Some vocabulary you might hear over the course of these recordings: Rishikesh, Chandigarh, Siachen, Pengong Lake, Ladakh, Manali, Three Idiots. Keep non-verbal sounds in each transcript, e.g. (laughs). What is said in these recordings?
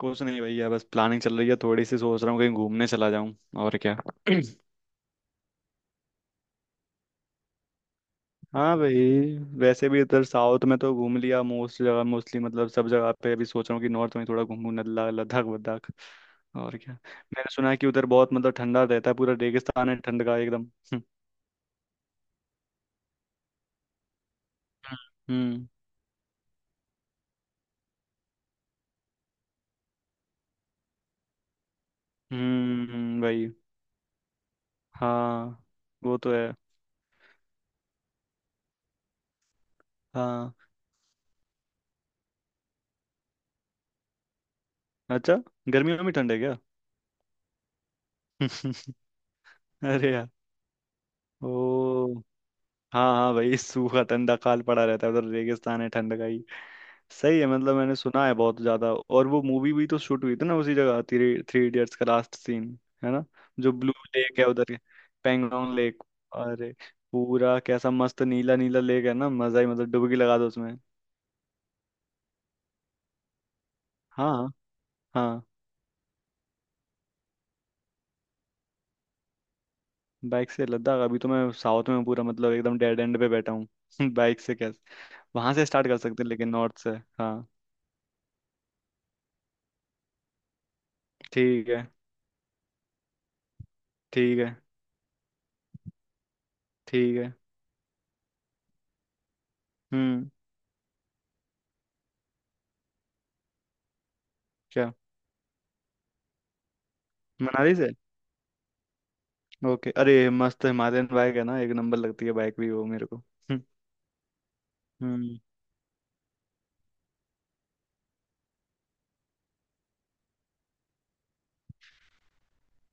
कुछ नहीं भैया, बस प्लानिंग चल रही है। थोड़ी सी सोच रहा हूँ कहीं घूमने चला जाऊं। और क्या। (clears throat) हाँ भाई, वैसे भी इधर साउथ में तो घूम लिया मोस्ट जगह, मोस्टली मतलब सब जगह पे। अभी सोच रहा हूँ कि नॉर्थ में थोड़ा घूमूं, नल्ला लद्दाख वद्दाख। और क्या, मैंने सुना है कि उधर बहुत मतलब ठंडा रहता है, पूरा रेगिस्तान है ठंड का एकदम। (laughs) हम्म भाई। हाँ, वो तो है। हाँ, अच्छा, गर्मियों में भी ठंड है क्या? (laughs) अरे यार। ओ हाँ हाँ भाई, सूखा ठंडा काल पड़ा रहता है उधर, रेगिस्तान है ठंड का ही। सही है, मतलब मैंने सुना है बहुत ज्यादा। और वो मूवी भी तो शूट हुई थी ना उसी जगह, थ्री थ्री इडियट्स का लास्ट सीन। है ना? जो ब्लू लेक है उधर, पेंगोंग लेक। अरे पूरा कैसा मस्त नीला नीला लेक है ना, मजा ही, मतलब डुबकी लगा दो उसमें। हाँ हाँ। बाइक से लद्दाख? अभी तो मैं साउथ में पूरा मतलब एकदम डेड एंड पे बैठा हूँ। (laughs) बाइक से कैसे? वहां से स्टार्ट कर सकते हैं, लेकिन नॉर्थ से। हाँ। ठीक है। ठीक है। ठीक है। हम्म। क्या? मनाली से? ओके, अरे मस्त, हिमालयन बाइक है ना, एक नंबर लगती है बाइक भी वो, मेरे को। हम्म। हम्म,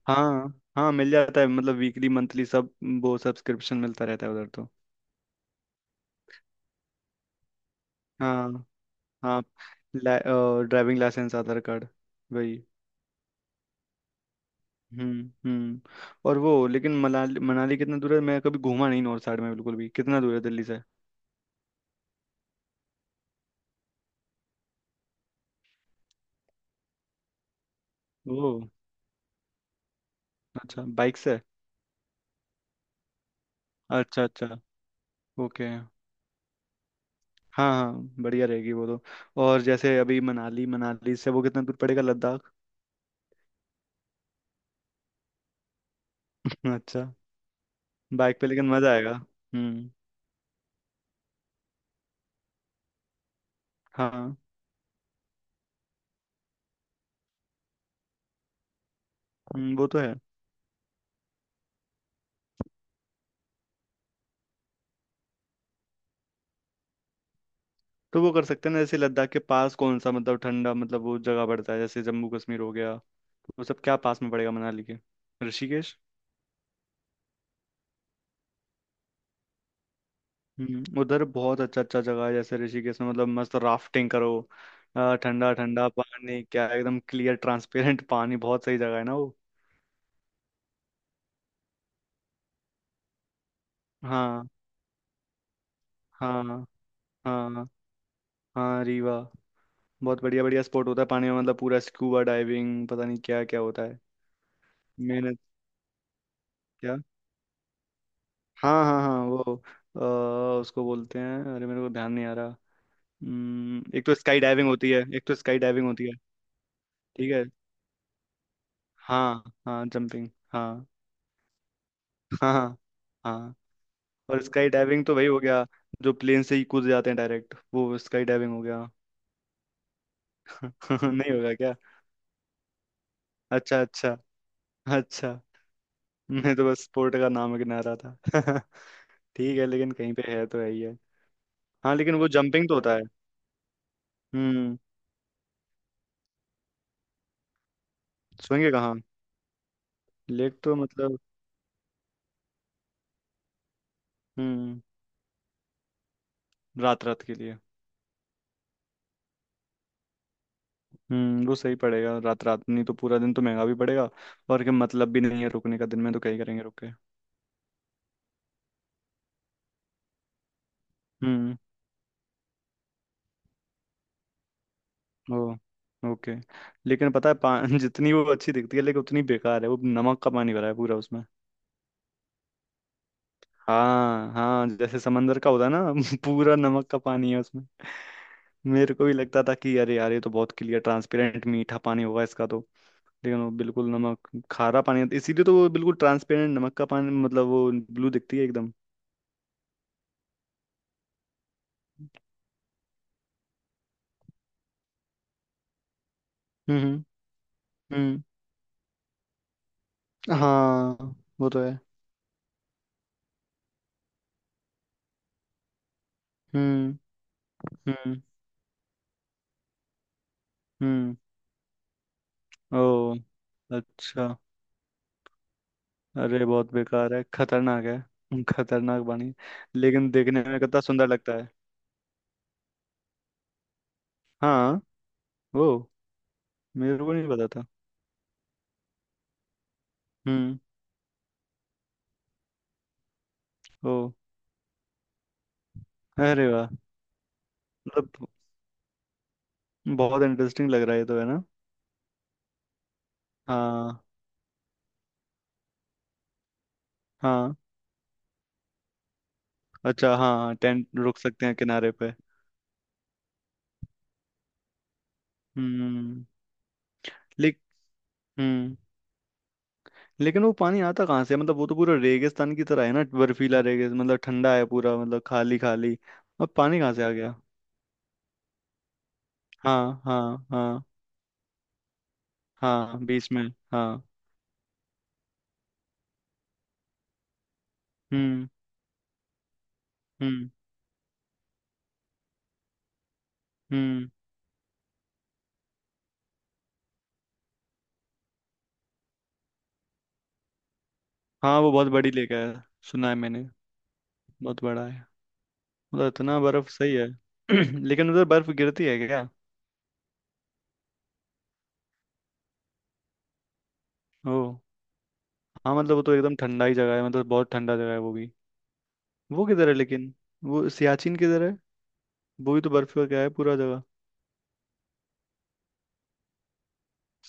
हाँ हाँ, मिल जाता है, मतलब वीकली मंथली सब। वो सब्सक्रिप्शन मिलता रहता है उधर तो। हाँ हाँ, ड्राइविंग लाइसेंस, आधार कार्ड, वही। हम्म। और वो लेकिन मनाली मनाली कितना दूर है? मैं कभी घूमा नहीं नॉर्थ साइड में बिल्कुल भी। कितना दूर है दिल्ली से? ओ, अच्छा, बाइक से? अच्छा अच्छा। ओके, हाँ हाँ, बढ़िया रहेगी वो तो। और जैसे अभी मनाली मनाली से वो कितना दूर पड़ेगा लद्दाख? अच्छा, बाइक पे लेकिन मजा आएगा। हम्म। हाँ। वो तो है। तो वो कर सकते हैं ना, जैसे लद्दाख के पास कौन सा मतलब ठंडा, मतलब वो जगह पड़ता है, जैसे जम्मू कश्मीर हो गया। वो सब क्या पास में पड़ेगा मनाली के? ऋषिकेश। हम्म, उधर बहुत अच्छा अच्छा जगह है, जैसे ऋषिकेश में मतलब मस्त राफ्टिंग करो। ठंडा ठंडा पानी, क्या एकदम क्लियर ट्रांसपेरेंट पानी, बहुत सही जगह है ना वो। हाँ हाँ हाँ। हाँ रीवा, बहुत बढ़िया बढ़िया स्पॉट होता है पानी में। मतलब पूरा स्कूबा डाइविंग, पता नहीं क्या क्या होता है। मेहनत। क्या? हाँ हाँ हाँ, वो अ, उसको बोलते हैं। अरे मेरे को ध्यान नहीं आ रहा। एक तो स्काई डाइविंग होती है, एक तो स्काई डाइविंग होती है। ठीक है। हाँ हाँ, जंपिंग, हाँ। (laughs) हाँ हाँ हाँ। और स्काई डाइविंग तो वही हो गया, जो प्लेन से ही कूद जाते हैं डायरेक्ट, वो स्काई डाइविंग हो गया। (laughs) नहीं होगा क्या? अच्छा अच्छा अच्छा। मैं तो बस स्पोर्ट का नाम गिना रहा था। (laughs) ठीक है, लेकिन कहीं पे है तो है ही है। हाँ, लेकिन वो जंपिंग तो होता है। हम्म। सोएंगे कहाँ? लेक तो मतलब। हम्म। रात रात के लिए। हम्म, वो सही पड़ेगा, रात रात, नहीं तो पूरा दिन तो महंगा भी पड़ेगा। और क्या मतलब भी नहीं है रुकने का दिन में, तो क्या ही करेंगे रुक के। हम्म। ओ, ओके। लेकिन पता है पा (laughs) जितनी वो अच्छी दिखती है लेकिन उतनी बेकार है वो। नमक का पानी भरा है पूरा उसमें। हाँ हाँ, जैसे समंदर का होता है ना। (laughs) पूरा नमक का पानी है उसमें। मेरे को भी लगता था कि अरे यार, ये तो बहुत क्लियर ट्रांसपेरेंट मीठा पानी होगा इसका तो। लेकिन वो बिल्कुल नमक, खारा पानी है। इसीलिए तो वो बिल्कुल ट्रांसपेरेंट नमक का पानी, मतलब वो ब्लू दिखती है एकदम। हम्म हम्म हम्म। हाँ, वो तो है। हम्म हम्म हम्म। ओ, अच्छा। अरे बहुत बेकार है, खतरनाक है। (laughs) खतरनाक बानी है। लेकिन देखने में कितना सुंदर लगता है। हाँ। ओ, मेरे को नहीं पता था। हम्म। ओ, अरे वाह। मतलब बहुत इंटरेस्टिंग लग रहा है ये, तो है ना। हाँ हाँ, अच्छा, हाँ टेंट रुक सकते हैं किनारे पे। हम्म। लिख हम्म। लेकिन वो पानी आता कहाँ से है? मतलब वो तो पूरा रेगिस्तान की तरह है ना, बर्फीला रेगिस्तान, मतलब ठंडा है पूरा, मतलब खाली खाली। अब पानी कहाँ से आ गया? हाँ हाँ हाँ। हाँ बीच में। हाँ। हम्म हम्म हम्म। हाँ वो बहुत बड़ी लेक है, सुना है मैंने, बहुत बड़ा है। मतलब इतना बर्फ सही है। (clears throat) लेकिन उधर बर्फ गिरती है क्या? ओ। हाँ, मतलब वो तो एकदम ठंडा ही जगह है, मतलब बहुत ठंडा जगह है वो भी। वो किधर है लेकिन, वो सियाचिन किधर है? वो भी तो बर्फ का क्या है पूरा जगह।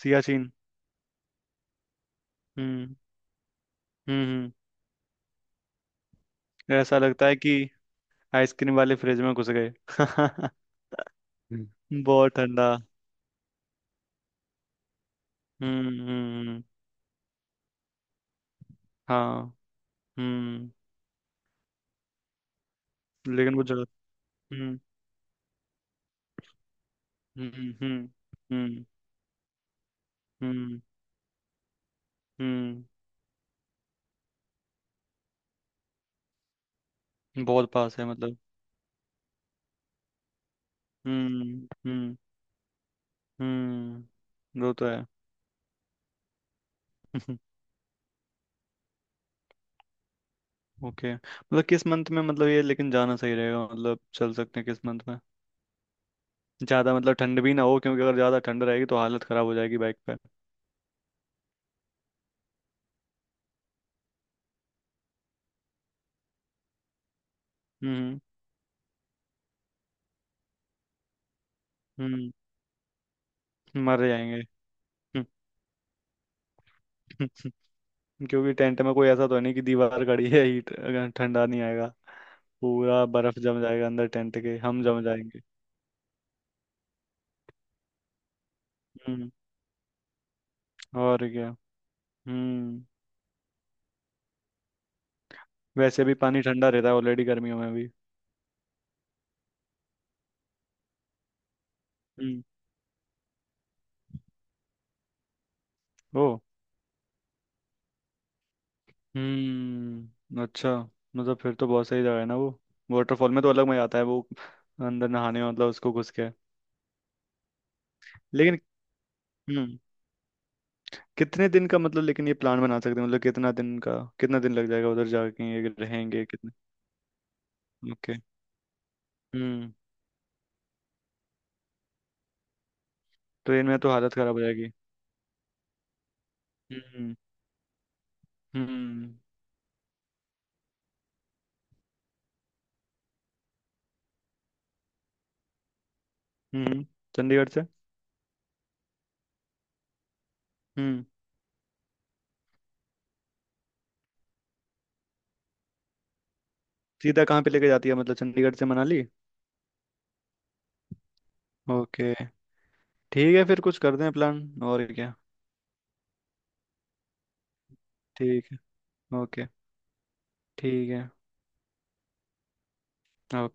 सियाचिन। हम्म हम्म हम्म। ऐसा लगता है कि आइसक्रीम वाले फ्रिज में घुस गए। (laughs) हम्म। बहुत ठंडा। हम्म हम्म हम्म, हाँ। हम्म। लेकिन वो जगह। हम्म हम्म हम्म। हम्म हम्म हम्म, बहुत पास है मतलब। हम्म हम्म हम्म। वो तो है। (laughs) ओके, मतलब किस मंथ में मतलब ये लेकिन जाना सही रहेगा? मतलब चल सकते हैं किस मंथ में, ज्यादा मतलब ठंड भी ना हो? क्योंकि अगर ज्यादा ठंड रहेगी तो हालत खराब हो जाएगी बाइक पे। हम्म। हम्म। मर जाएंगे। (laughs) क्योंकि टेंट में कोई ऐसा तो नहीं कि दीवार खड़ी है, हीट अगर ठंडा नहीं आएगा, पूरा बर्फ जम जाएगा अंदर टेंट के, हम जम जाएंगे। हम्म। और क्या। हम्म, वैसे भी पानी ठंडा रहता है ऑलरेडी गर्मियों में भी। हम्म। ओ। हम्म, अच्छा, मतलब फिर तो बहुत सही जगह है ना वो। वाटरफॉल में तो अलग मजा आता है वो, अंदर नहाने में मतलब उसको घुस के। लेकिन हम्म, कितने दिन का मतलब लेकिन ये प्लान बना सकते हैं, मतलब कितना दिन का, कितना दिन लग जाएगा उधर जाके, ये रहेंगे कितने? ओके। हम्म। ट्रेन में तो हालत खराब हो जाएगी। हम्म हम्म हम्म। चंडीगढ़ से? हम्म। सीधा कहाँ पे लेके जाती है मतलब चंडीगढ़ से मनाली? ओके, ठीक है। फिर कुछ करते हैं प्लान, और क्या। ठीक है। ओके। ठीक है। ओके।